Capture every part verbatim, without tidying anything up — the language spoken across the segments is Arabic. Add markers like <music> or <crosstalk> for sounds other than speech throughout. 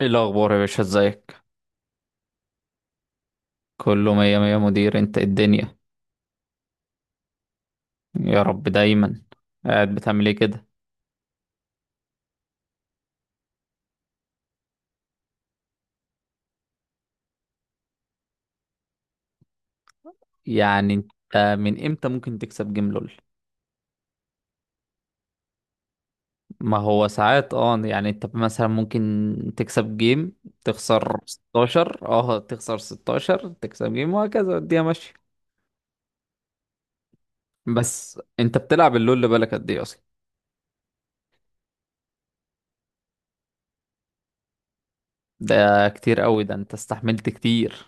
ايه الاخبار يا باشا؟ ازيك؟ كله مية مية مدير. انت إيه الدنيا؟ يا رب دايما. قاعد بتعمل ايه كده؟ يعني انت من امتى ممكن تكسب جيم لول؟ ما هو ساعات. اه يعني انت مثلا ممكن تكسب جيم، تخسر ستاشر، اه تخسر ستاشر، تكسب جيم، وهكذا الدنيا ماشية. بس انت بتلعب اللول بقالك قد ايه اصلا؟ ده كتير قوي. ده انت استحملت كتير.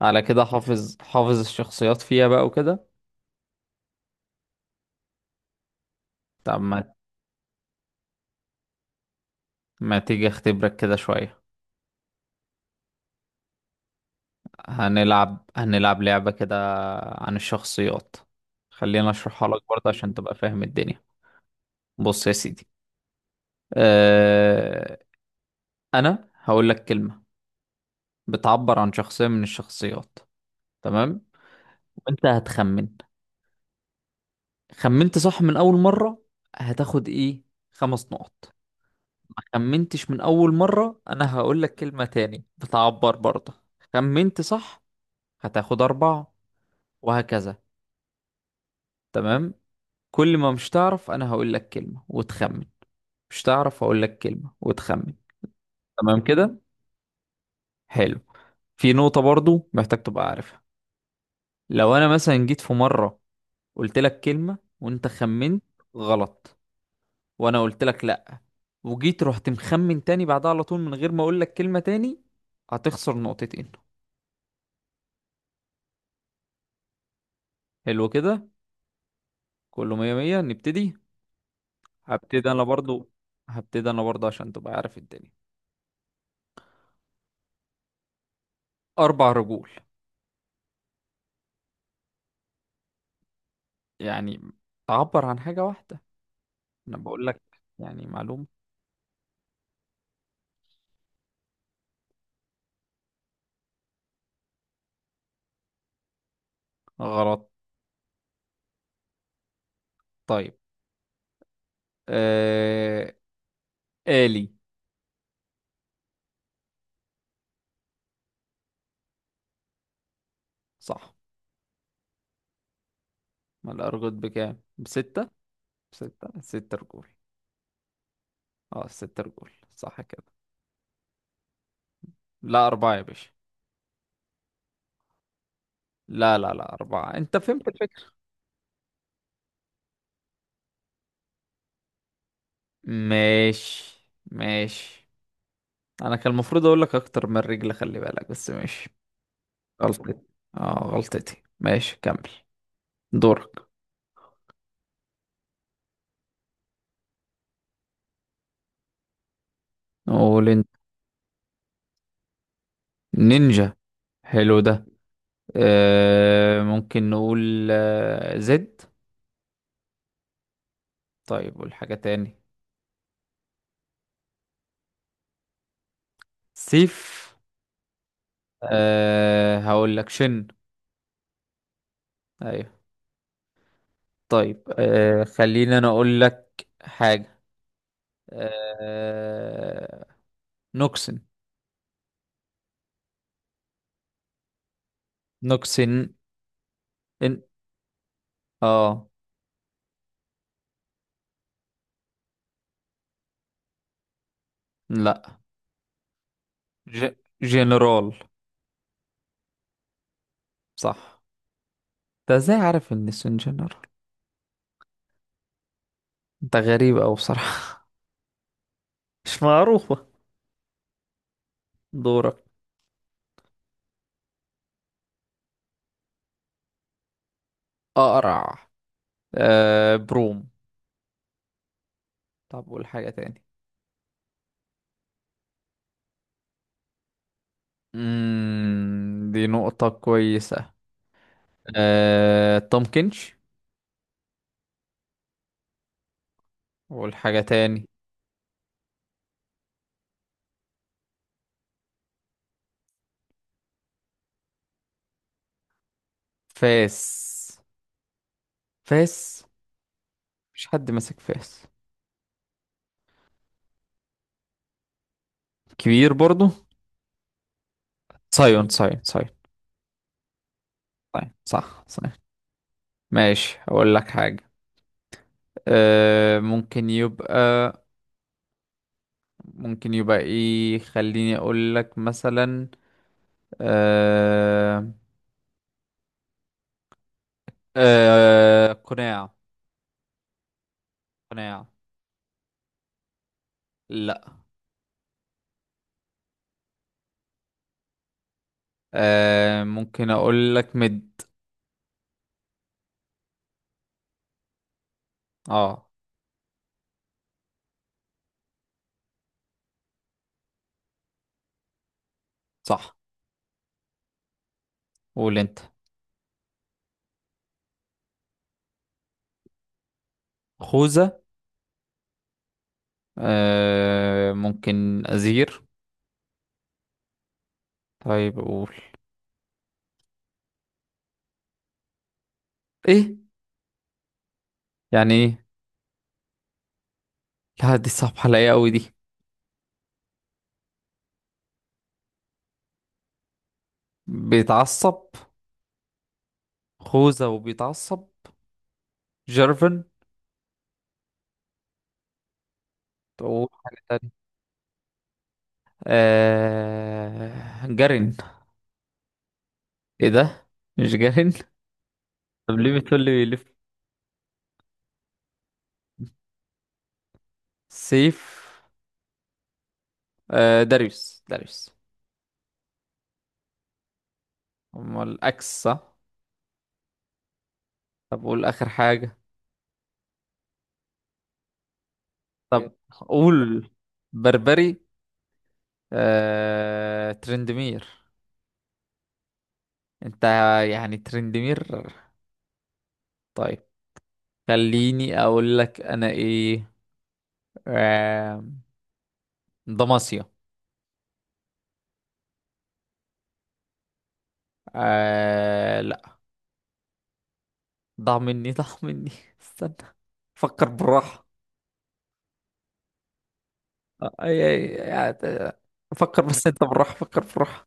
على كده حافظ حافظ الشخصيات فيها بقى وكده. طب، ما ما تيجي اختبرك كده شوية. هنلعب هنلعب لعبة كده عن الشخصيات. خلينا اشرحها لك برضه عشان تبقى فاهم الدنيا. بص يا سيدي، أه... انا هقول لك كلمة بتعبر عن شخصية من الشخصيات، تمام؟ وانت هتخمن. خمنت صح من اول مرة، هتاخد ايه؟ خمس نقط. ما خمنتش من اول مرة، انا هقول لك كلمة تاني بتعبر برضه. خمنت صح، هتاخد اربعة، وهكذا. تمام؟ كل ما مش تعرف انا هقول لك كلمة وتخمن، مش تعرف اقول لك كلمة وتخمن. تمام كده؟ حلو. في نقطة برضو محتاج تبقى عارفها. لو انا مثلا جيت في مرة قلت لك كلمة وانت خمنت غلط، وانا قلت لك لا، وجيت رحت مخمن تاني بعدها على طول من غير ما اقول لك كلمة تاني، هتخسر نقطتين. حلو كده. كله مية مية، نبتدي. هبتدي انا برضو هبتدي انا برضو عشان تبقى عارف الدنيا. اربع رجول. يعني تعبر عن حاجة واحدة، انا بقول لك يعني معلومة. غلط. طيب. آه... آلي. صح. ما الأرجل بكام؟ بستة؟ بستة؟ ستة رجول. اه ستة رجول. صح كده. لا أربعة يا باشا. لا، لا، لا، أربعة. أنت فهمت الفكرة. ماشي، ماشي. أنا كان المفروض أقول لك أكتر من رجل، خلي بالك. بس ماشي، غلطتي. اه غلطتي. ماشي، كمل. دورك. نقول أنت. نينجا. حلو ده. آه... ممكن نقول آه... زد. طيب، والحاجة تاني. سيف. أه هقول لك شن. ايوه. طيب. أه خليني انا اقول لك حاجة. أه نوكسن. نوكسن. إن... اه. لا. ج... جنرال. صح. انت ازاي عارف ان السن جنرال؟ انت غريب اوي بصراحة. <laughs> مش معروفة. دورك. اقرع. أه بروم. طب قول حاجة تاني. مم... دي نقطة كويسة. أه تومكنش. قول حاجة تاني. فاس. فاس. مش حد ماسك فاس كبير برضو. سايون، سايون، سايون. سايون صح، سايون. ماشي، اقول لك حاجة. أه ممكن يبقى، ممكن يبقى ايه؟ خليني اقول لك مثلا. أه أه قناع. قناع. لا. أه ممكن اقول لك مد. اه صح. قول انت. خوذة. أه ممكن ازير. طيب اقول ايه؟ يعني ايه؟ لا دي صعبة عليا قوي دي. بيتعصب. خوذة وبيتعصب. جيرفن. وحاجة تانية. آه... جارين. ايه ده؟ مش جارين. طب ليه بتقول لي بيلف؟ سيف. آه... داريوس، داريوس. امال اكس، صح؟ طب قول اخر حاجة. طب قول. بربري. آه... ترندمير. انت! يعني ترندمير. طيب، خليني اقول لك انا ايه. آه... دماسيا. آه... ضاع مني، ضاع مني. <laughs> استنى. فكر بالراحة. آه، أي أي يعني. فكر بس أنت بالراحة. فكر بالراحة.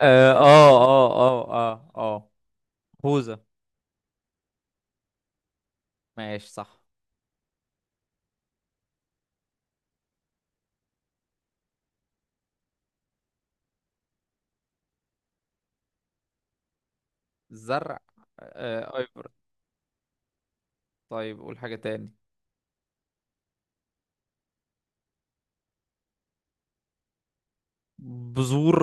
آه آه آه آه آه آه هوزة. ماشي، صح. زرع. آه أيبر. طيب قول حاجة تاني. بذور.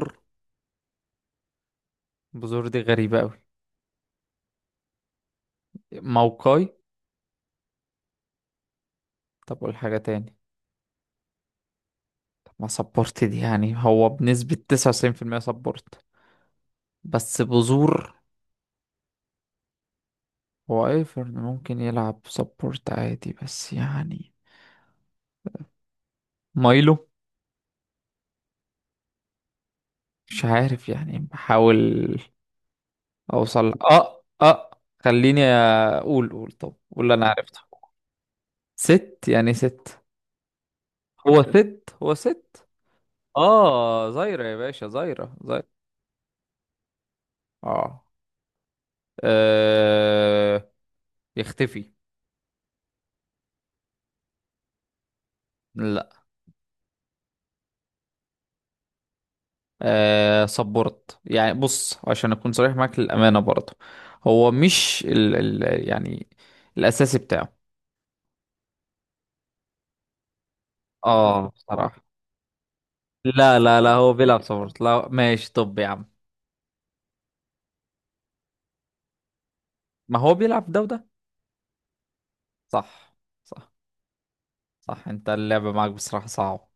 بذور دي غريبة أوي. موقعي. طب قول حاجة تاني. طب ما سبورت دي، يعني هو بنسبة تسعة وتسعين في المية سبورت. بس بذور. هو ايفرن ممكن يلعب سبورت عادي بس يعني. مايلو. مش عارف يعني، بحاول اوصل. اه اه خليني اقول. قول. طب قول اللي انا عرفته. ست يعني ست. هو ست؟ هو ست؟ اه، زايرة يا باشا، زايرة، زايرة. اه. آه، يختفي. لا. آه صبرت يعني. بص عشان اكون صريح معاك للامانه برضه، هو مش ال ال يعني الاساسي بتاعه. اه بصراحه. لا، لا، لا، هو بيلعب صبرت. لا، ماشي. طب يا عم. ما هو بيلعب ده وده. صح، صح، صح. انت اللعبة معاك بصراحة صعبة.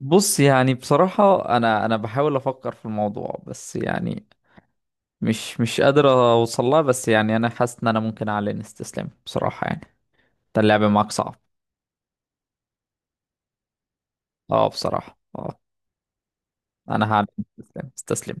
بص يعني بصراحة، انا انا بحاول افكر في الموضوع بس يعني مش مش قادر اوصلها. بس يعني انا حاسس ان انا ممكن اعلن استسلام بصراحة يعني. انت اللعبة معاك صعب. اه بصراحة. اه انا هعلن استسلام. استسلم.